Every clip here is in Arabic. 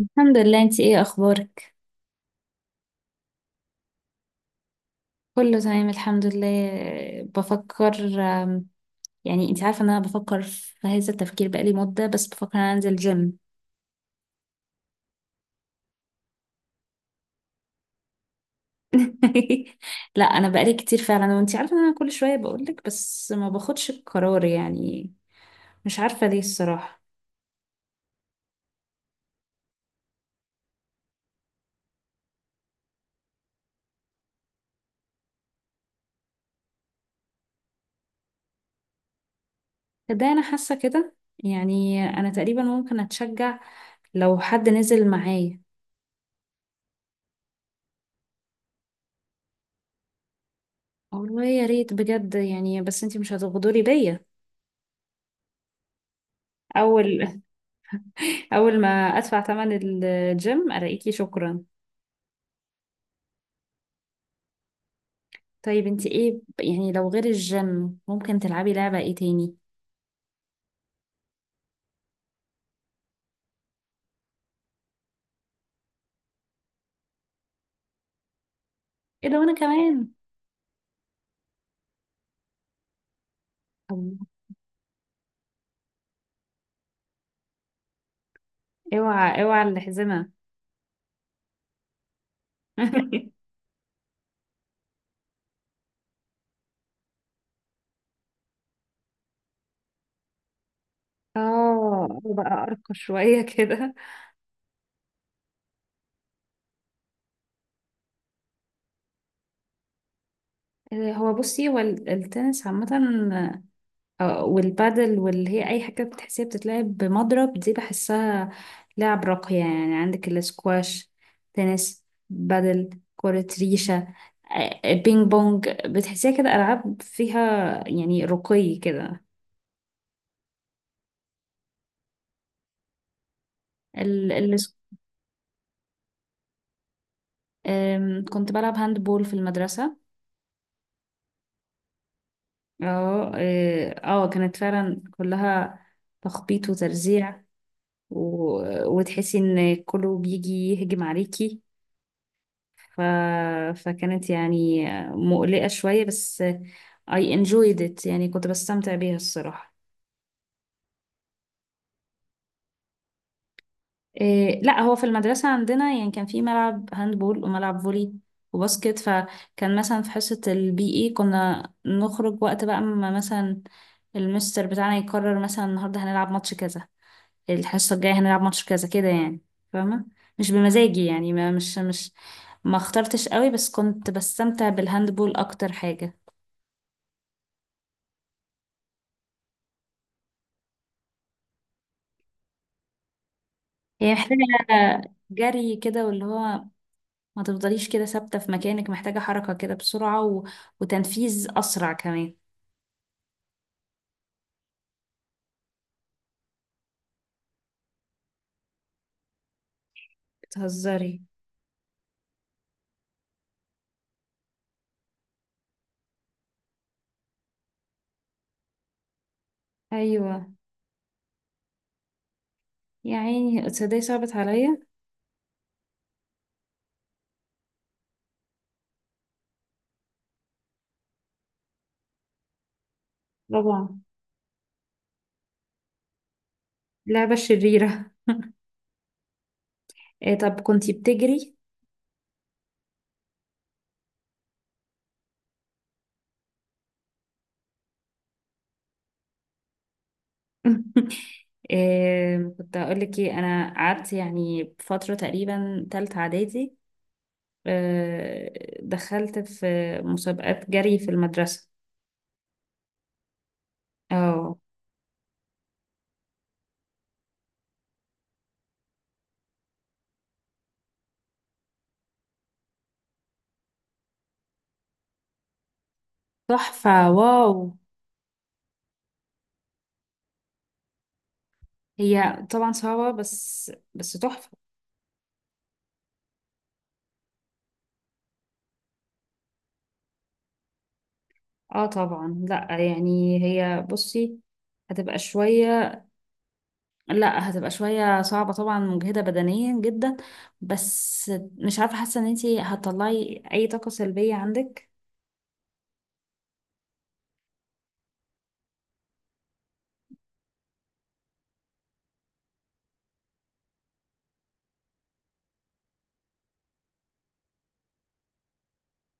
الحمد لله، انت ايه اخبارك؟ كله تمام الحمد لله. بفكر، يعني انت عارفه ان انا بفكر في هذا التفكير بقالي مده، بس بفكر ان انا انزل جيم. لا انا بقالي كتير فعلا، وانت عارفه ان انا كل شويه بقولك، بس ما باخدش القرار يعني. مش عارفه ليه الصراحه. ده انا حاسه كده، يعني انا تقريبا ممكن اتشجع لو حد نزل معايا. والله يا ريت بجد يعني، بس انت مش هتغدري بيا. اول، اول ما ادفع ثمن الجيم الاقيكي شكرا. طيب انت ايه يعني لو غير الجيم ممكن تلعبي لعبة ايه تاني؟ ايه ده، وانا كمان. الله. اوعى اوعى الحزمة. اه بقى ارقى شوية كده. هو بصي هو التنس عامة، والبادل واللي هي اي حاجه بتحسيها بتتلعب بمضرب دي، بحسها لعب راقيه، يعني عندك الاسكواش، تنس، بادل، كرة ريشة، بينج بونج. بتحسيها كده ألعاب فيها يعني رقي كده. ال... ال... كنت بلعب هاند بول في المدرسة. اه اه، كانت فعلا كلها تخبيط وترزيع، و... وتحسي ان كله بيجي يهجم عليكي، ف... فكانت يعني مقلقة شوية، بس I enjoyed it، يعني كنت بستمتع بيها الصراحة. إيه لا، هو في المدرسة عندنا يعني كان في ملعب هاندبول وملعب فولي وباسكت، فكان مثلا في حصة البي اي كنا نخرج وقت بقى، ما مثلا المستر بتاعنا يقرر مثلا النهاردة هنلعب ماتش كذا، الحصة الجاية هنلعب ماتش كذا كده يعني، فاهمة؟ مش بمزاجي يعني، ما مش ما اخترتش قوي، بس كنت بستمتع بالهاندبول اكتر حاجة. هي محتاجة جري كده واللي هو ما تفضليش كده ثابتة في مكانك، محتاجة حركة كده بسرعة وتنفيذ أسرع كمان. بتهزري؟ أيوة. يا عيني تصدقي صعبت عليا. طبعا. لعبة شريرة. إيه طب كنتي بتجري؟ إيه كنت هقولك ايه، أنا قعدت يعني فترة تقريبا تالتة إعدادي، إيه دخلت في مسابقات جري في المدرسة. اه، تحفة، واو. هي طبعا صعبة، بس بس تحفة. اه طبعا، لا يعني هي بصي هتبقى شوية، لا هتبقى شوية صعبة طبعا، مجهدة بدنيا جدا، بس مش عارفة، حاسة ان انتي هتطلعي اي طاقة سلبية عندك.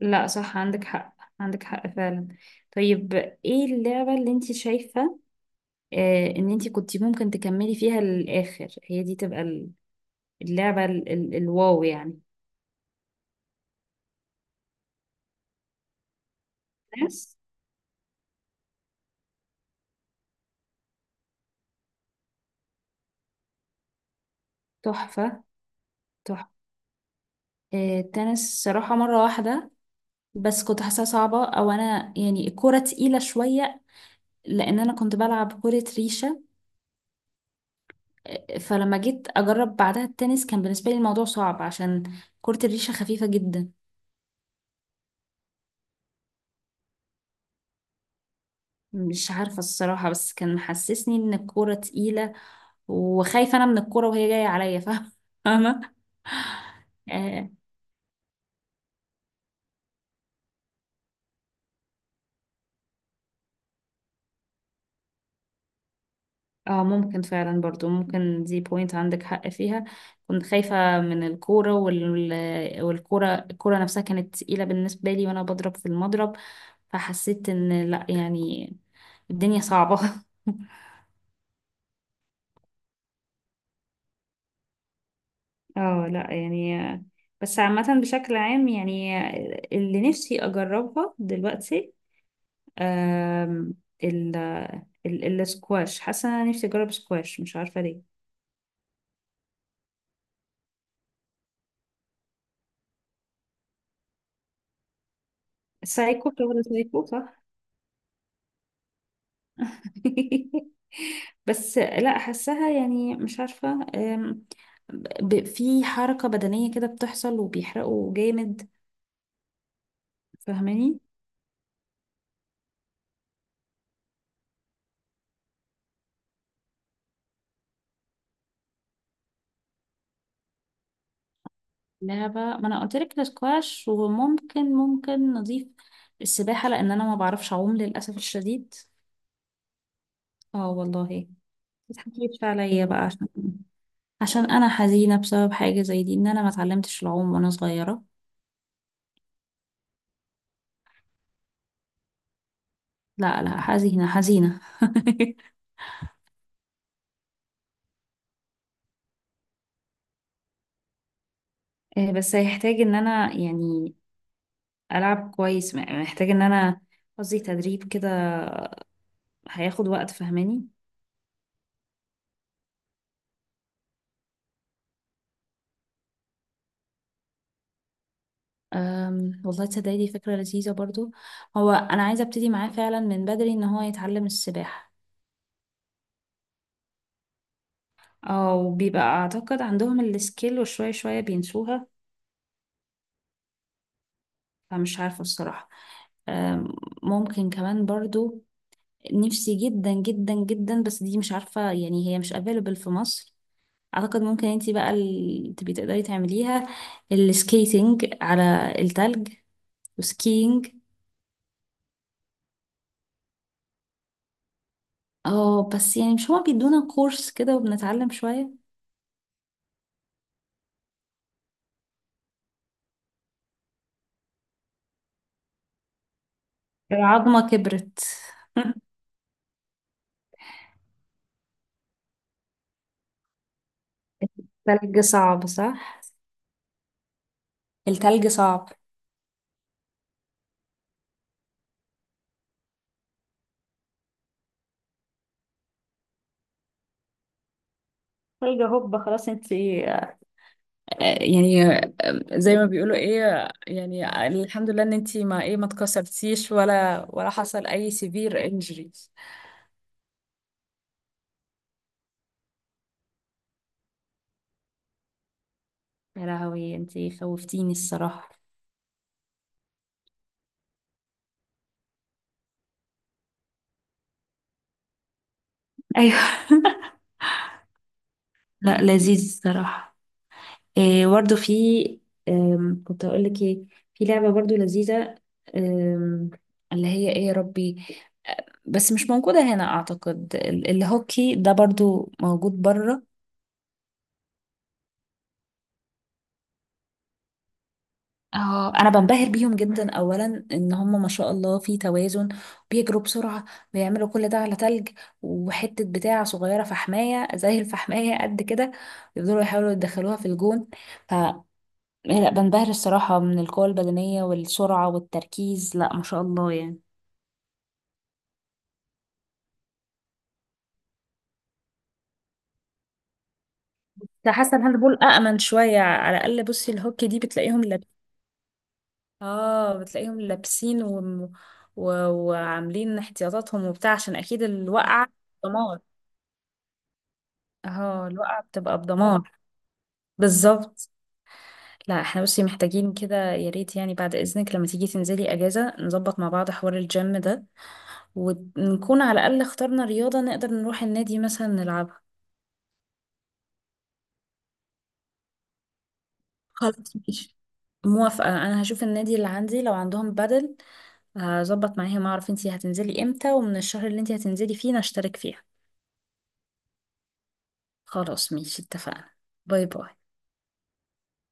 لا صح، عندك حق، عندك حق فعلا. طيب ايه اللعبة اللي انتي شايفة آه ان انتي كنتي ممكن تكملي فيها للآخر؟ هي دي تبقى اللعبة ال الواو يعني. ناس. تحفة، تحفة. التنس صراحة مرة واحدة، بس كنت حاساها صعبة، او انا يعني الكورة تقيلة شوية، لان انا كنت بلعب كرة ريشة، فلما جيت اجرب بعدها التنس كان بالنسبة لي الموضوع صعب، عشان كرة الريشة خفيفة جدا. مش عارفة الصراحة، بس كان محسسني ان الكورة تقيلة وخايفة انا من الكورة وهي جاية عليا. فاهمة؟ آه، اه ممكن فعلا، برضو ممكن دي بوينت عندك حق فيها. كنت خايفة من الكورة والكورة نفسها كانت تقيلة بالنسبة لي وانا بضرب في المضرب، فحسيت ان لا يعني الدنيا صعبة. اه لا يعني، بس عامة بشكل عام يعني، اللي نفسي اجربها دلوقتي، آم، ال السكواش، حاسة انا نفسي اجرب سكواش، مش عارفة ليه. سايكو، بتقول سايكو، صح؟ بس لا، حاساها يعني مش عارفة، أم، في حركة بدنية كده بتحصل وبيحرقوا جامد، فاهماني؟ لعبة، ما انا قلت لك الاسكواش، وممكن ممكن نضيف السباحة، لان انا ما بعرفش اعوم للاسف الشديد. اه والله. ما تحكيش عليا بقى، عشان انا حزينة بسبب حاجة زي دي، ان انا ما اتعلمتش العوم وانا صغيرة. لا لا، حزينة حزينة. بس هيحتاج ان انا يعني ألعب كويس، محتاج إن أنا، قصدي تدريب كده، هياخد وقت، فاهماني؟ والله تصدقي دي فكرة لذيذة برضو، هو أنا عايزة أبتدي معاه فعلا من بدري إن هو يتعلم السباحة. أو بيبقى أعتقد عندهم السكيل وشوية شوية بينسوها، فمش عارفة الصراحة. أم، ممكن كمان برضو، نفسي جدا جدا جدا، بس دي مش عارفة يعني هي مش available في مصر، أعتقد ممكن انتي بقى تبقي تقدري تعمليها، السكيتنج على التلج، وسكينج. اه بس يعني مش هو بيدونا كورس كده وبنتعلم شوية. العظمة كبرت. تلج صعب صح؟ التلج صعب. تلج هوب خلاص انت يعني، زي ما بيقولوا ايه يعني، الحمد لله ان انت ما ايه ما اتكسرتيش ولا حصل اي سيفير انجريز. يا لهوي انت خوفتيني الصراحة. ايوه. لا لذيذ الصراحة. إيه برضه في، كنت اقول لك ايه، في لعبة برضه لذيذة، آم، اللي هي ايه يا ربي، بس مش موجودة هنا اعتقد، الهوكي ده برضه موجود بره. اه انا بنبهر بيهم جدا، اولا ان هم ما شاء الله في توازن، بيجروا بسرعة، بيعملوا كل ده على تلج، وحتة بتاع صغيرة فحماية زي الفحماية قد كده يفضلوا يحاولوا يدخلوها في الجون. لا بنبهر الصراحة من القوة البدنية والسرعة والتركيز، لا ما شاء الله يعني. ده حاسة الهاند بول أأمن شوية على الأقل، بصي الهوكي دي بتلاقيهم اه بتلاقيهم لابسين و... وعاملين احتياطاتهم وبتاع، عشان أكيد الوقعة دمار. اه الوقعة بتبقى بدمار. بالظبط. لا احنا بصي محتاجين كده، يا ريت يعني بعد إذنك لما تيجي تنزلي أجازة نظبط مع بعض حوار الجيم ده، ونكون على الأقل اخترنا رياضة نقدر نروح النادي مثلا نلعبها. خلاص ماشي، موافقة، أنا هشوف النادي اللي عندي لو عندهم بدل، هظبط معاهم أعرف انتي هتنزلي امتى ومن الشهر اللي انتي هتنزلي فيه نشترك فيها. خلاص ماشي، اتفقنا. باي باي.